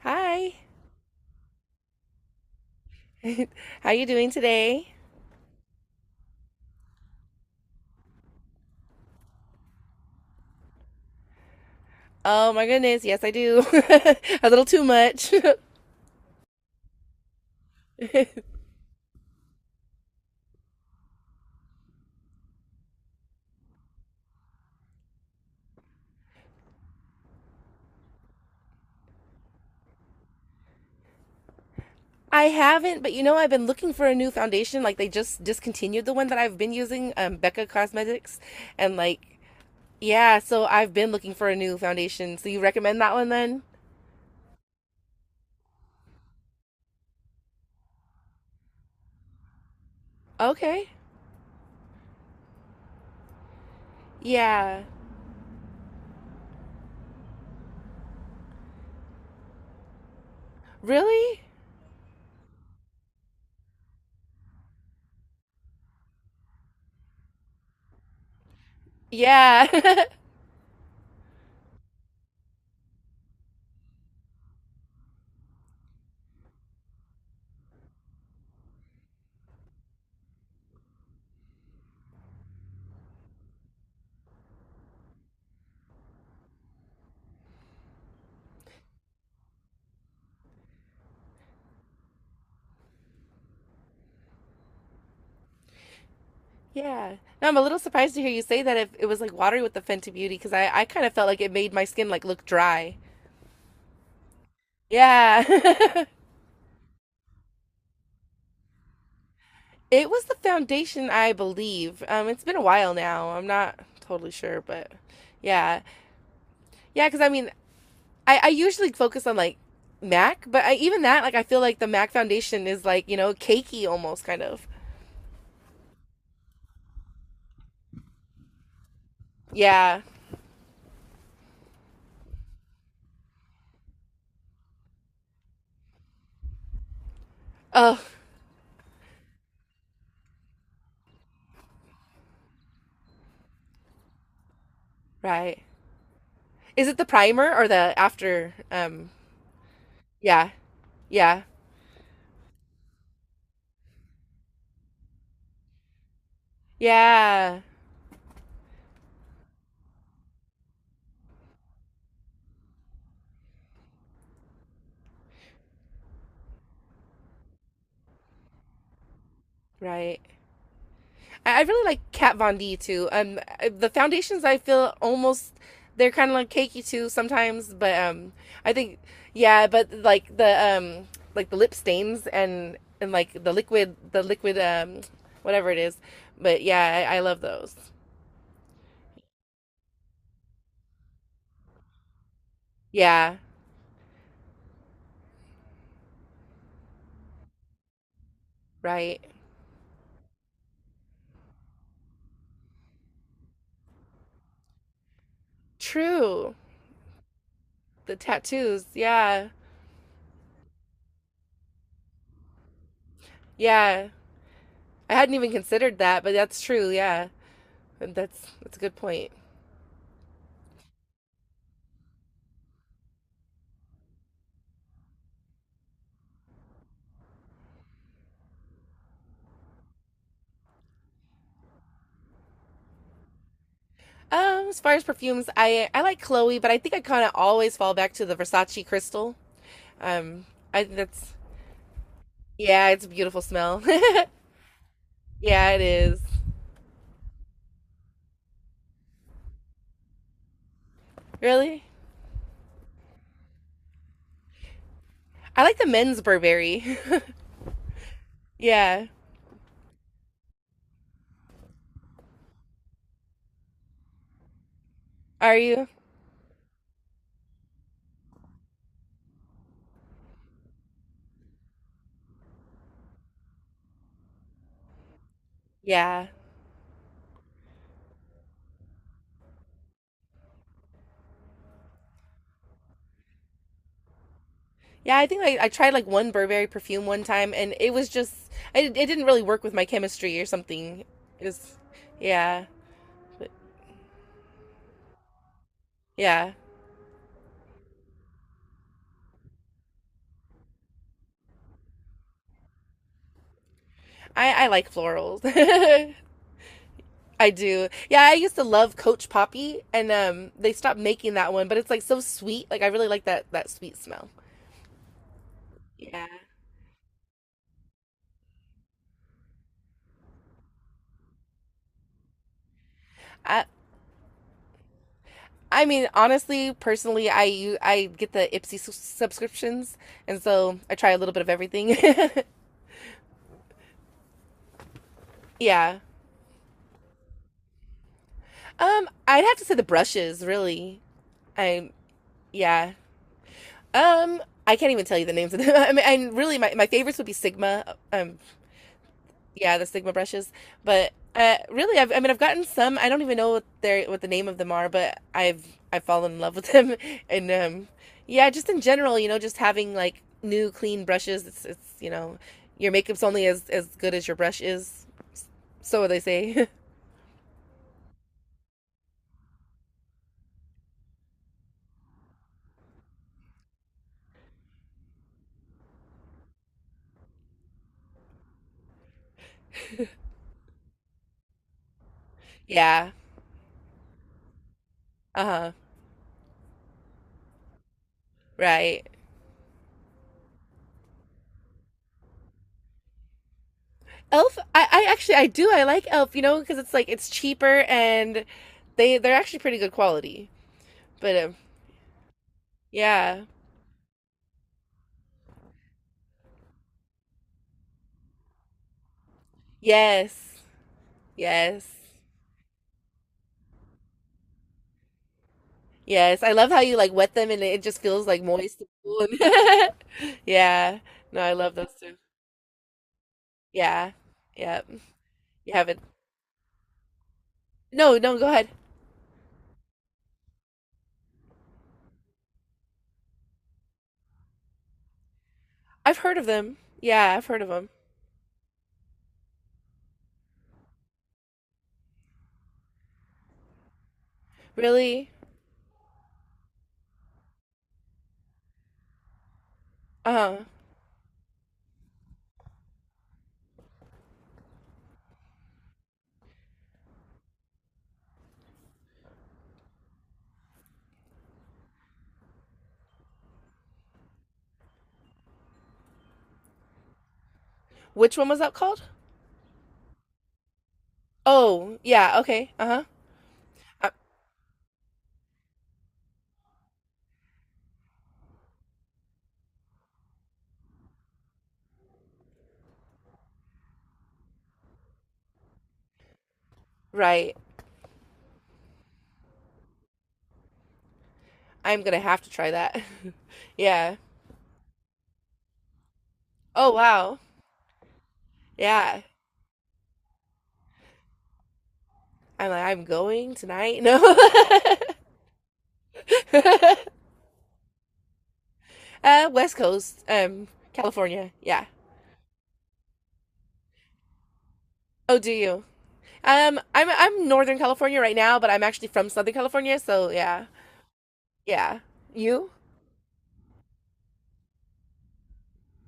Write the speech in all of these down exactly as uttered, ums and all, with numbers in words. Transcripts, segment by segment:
Hi. How you doing today? Oh my goodness, yes I do. A little too much. I haven't, but you know I've been looking for a new foundation. Like they just discontinued the one that I've been using, um, Becca Cosmetics, and like yeah, so I've been looking for a new foundation. So you recommend that one then? Okay. Yeah. Really? Yeah. Yeah. No, I'm a little surprised to hear you say that if it was like watery with the Fenty Beauty because I, I kind of felt like it made my skin like look dry. Yeah. It was the foundation, I believe. Um, it's been a while now. I'm not totally sure, but yeah, yeah. Because I mean, I, I usually focus on like Mac, but I, even that, like, I feel like the Mac foundation is like you know cakey almost kind of. Yeah. Oh, right. Is it the primer or the after? Um. Yeah. Yeah. Yeah. Right. I really like Kat Von D too. Um, the foundations I feel almost they're kind of like cakey too sometimes, but um, I think yeah, but like the um, like the lip stains and and like the liquid, the liquid um, whatever it is. But yeah, I, I love those. Yeah, right. True. The tattoos. Yeah, yeah. I hadn't even considered that, but that's true. Yeah, that's that's a good point. Um, as far as perfumes, I I like Chloe, but I think I kind of always fall back to the Versace Crystal. Um, I think that's yeah, it's a beautiful smell. Yeah, it is. Really, I like the men's Burberry. Yeah, are you? Yeah, yeah. I think like I tried like one Burberry perfume one time, and it was just I, it didn't really work with my chemistry or something. It was yeah, but, yeah. I I like florals. I do. Yeah, I used to love Coach Poppy, and um, they stopped making that one, but it's like so sweet. Like I really like that that sweet smell. Yeah. I I mean, honestly, personally, I u- I get the Ipsy s- subscriptions, and so I try a little bit of everything. Yeah. Um, I'd have to say the brushes, really. I yeah. Um, I can't even tell you the names of them. I mean, and really, my my favorites would be Sigma, um, yeah, the Sigma brushes. But uh, really, I've, I mean, I've gotten some. I don't even know what they what the name of them are, but I've I've fallen in love with them. And um, yeah, just in general, you know, just having like new clean brushes. It's it's you know, your makeup's only as as good as your brush is. So they say. Yeah. Uh-huh. Right. Elf. I I actually I do I like Elf. You know, because it's like it's cheaper and they they're actually pretty good quality. But um, yeah. Yes. Yes. Yes, I love how you like wet them and it just feels like moist and cool. Yeah. No, I love those too. Yeah. Yep. You haven't. No, no, go ahead. I've heard of them. Yeah, I've heard of them. Really? Uh-huh. Which one was that called? Oh, yeah, okay. Uh-huh. Uh, right. I'm gonna have to try that. Yeah. Oh, wow. Yeah. I'm like, I'm going tonight. No. Uh, West Coast, um, California. Yeah. Oh, do you? Um, I'm I'm Northern California right now, but I'm actually from Southern California, so yeah, yeah. You?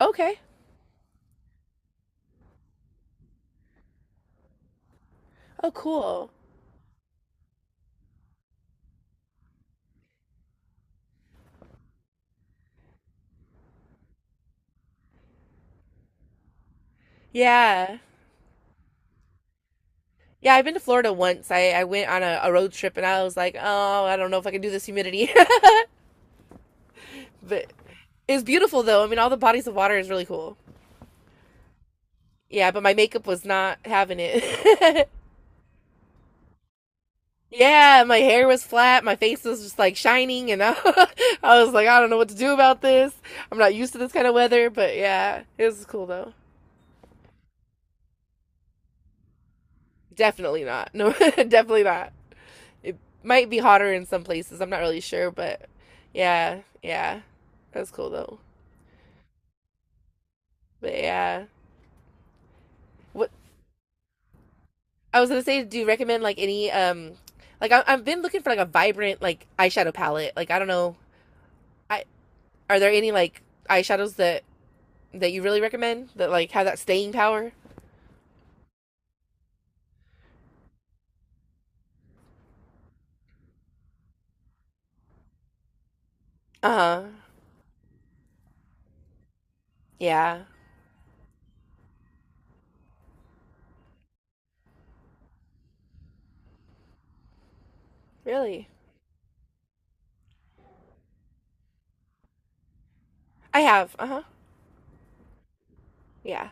Okay. Oh, cool. Yeah, yeah. I've been to Florida once. I I went on a, a road trip, and I was like, oh, I don't know if I can do this humidity, but it's beautiful though. I mean, all the bodies of water is really cool. Yeah, but my makeup was not having it. Yeah, my hair was flat, my face was just like shining, and I, I was like, I don't know what to do about this. I'm not used to this kind of weather, but yeah, it was cool though. Definitely not. No, definitely not. It might be hotter in some places. I'm not really sure, but yeah, yeah. That's cool though. But yeah, what I was gonna say, do you recommend like any um, like I, I've been looking for like a vibrant like eyeshadow palette. Like I don't know, I are there any like eyeshadows that that you really recommend that like have that staying power? Uh huh. Yeah. Really. I have. Uh huh. Yeah.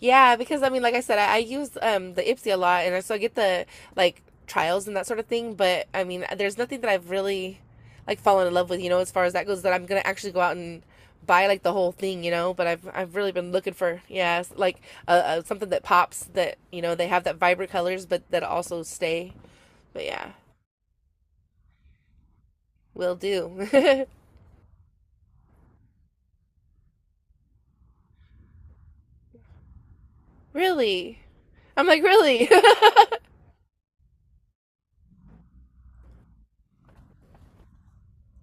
Yeah, because I mean, like I said, I, I use um, the Ipsy a lot, and so I get the like trials and that sort of thing. But I mean, there's nothing that I've really like fallen in love with, you know, as far as that goes. That I'm gonna actually go out and buy like the whole thing, you know. But I've I've really been looking for yeah, s- like uh, uh, something that pops that you know they have that vibrant colors, but that also stay. But yeah, will do. Really, I'm like really.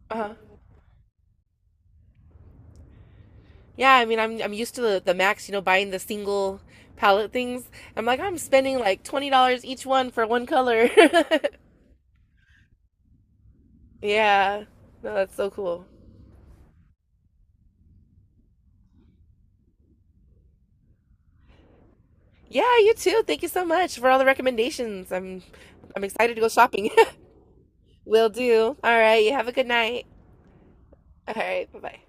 Uh-huh. Yeah, I mean, I'm I'm used to the, the Max, you know, buying the single palette things. I'm like, I'm spending like twenty dollars each one for one color. Yeah, no, that's so cool. Yeah, you too. Thank you so much for all the recommendations. I'm I'm excited to go shopping. Will do. All right, you have a good night. All right, bye bye.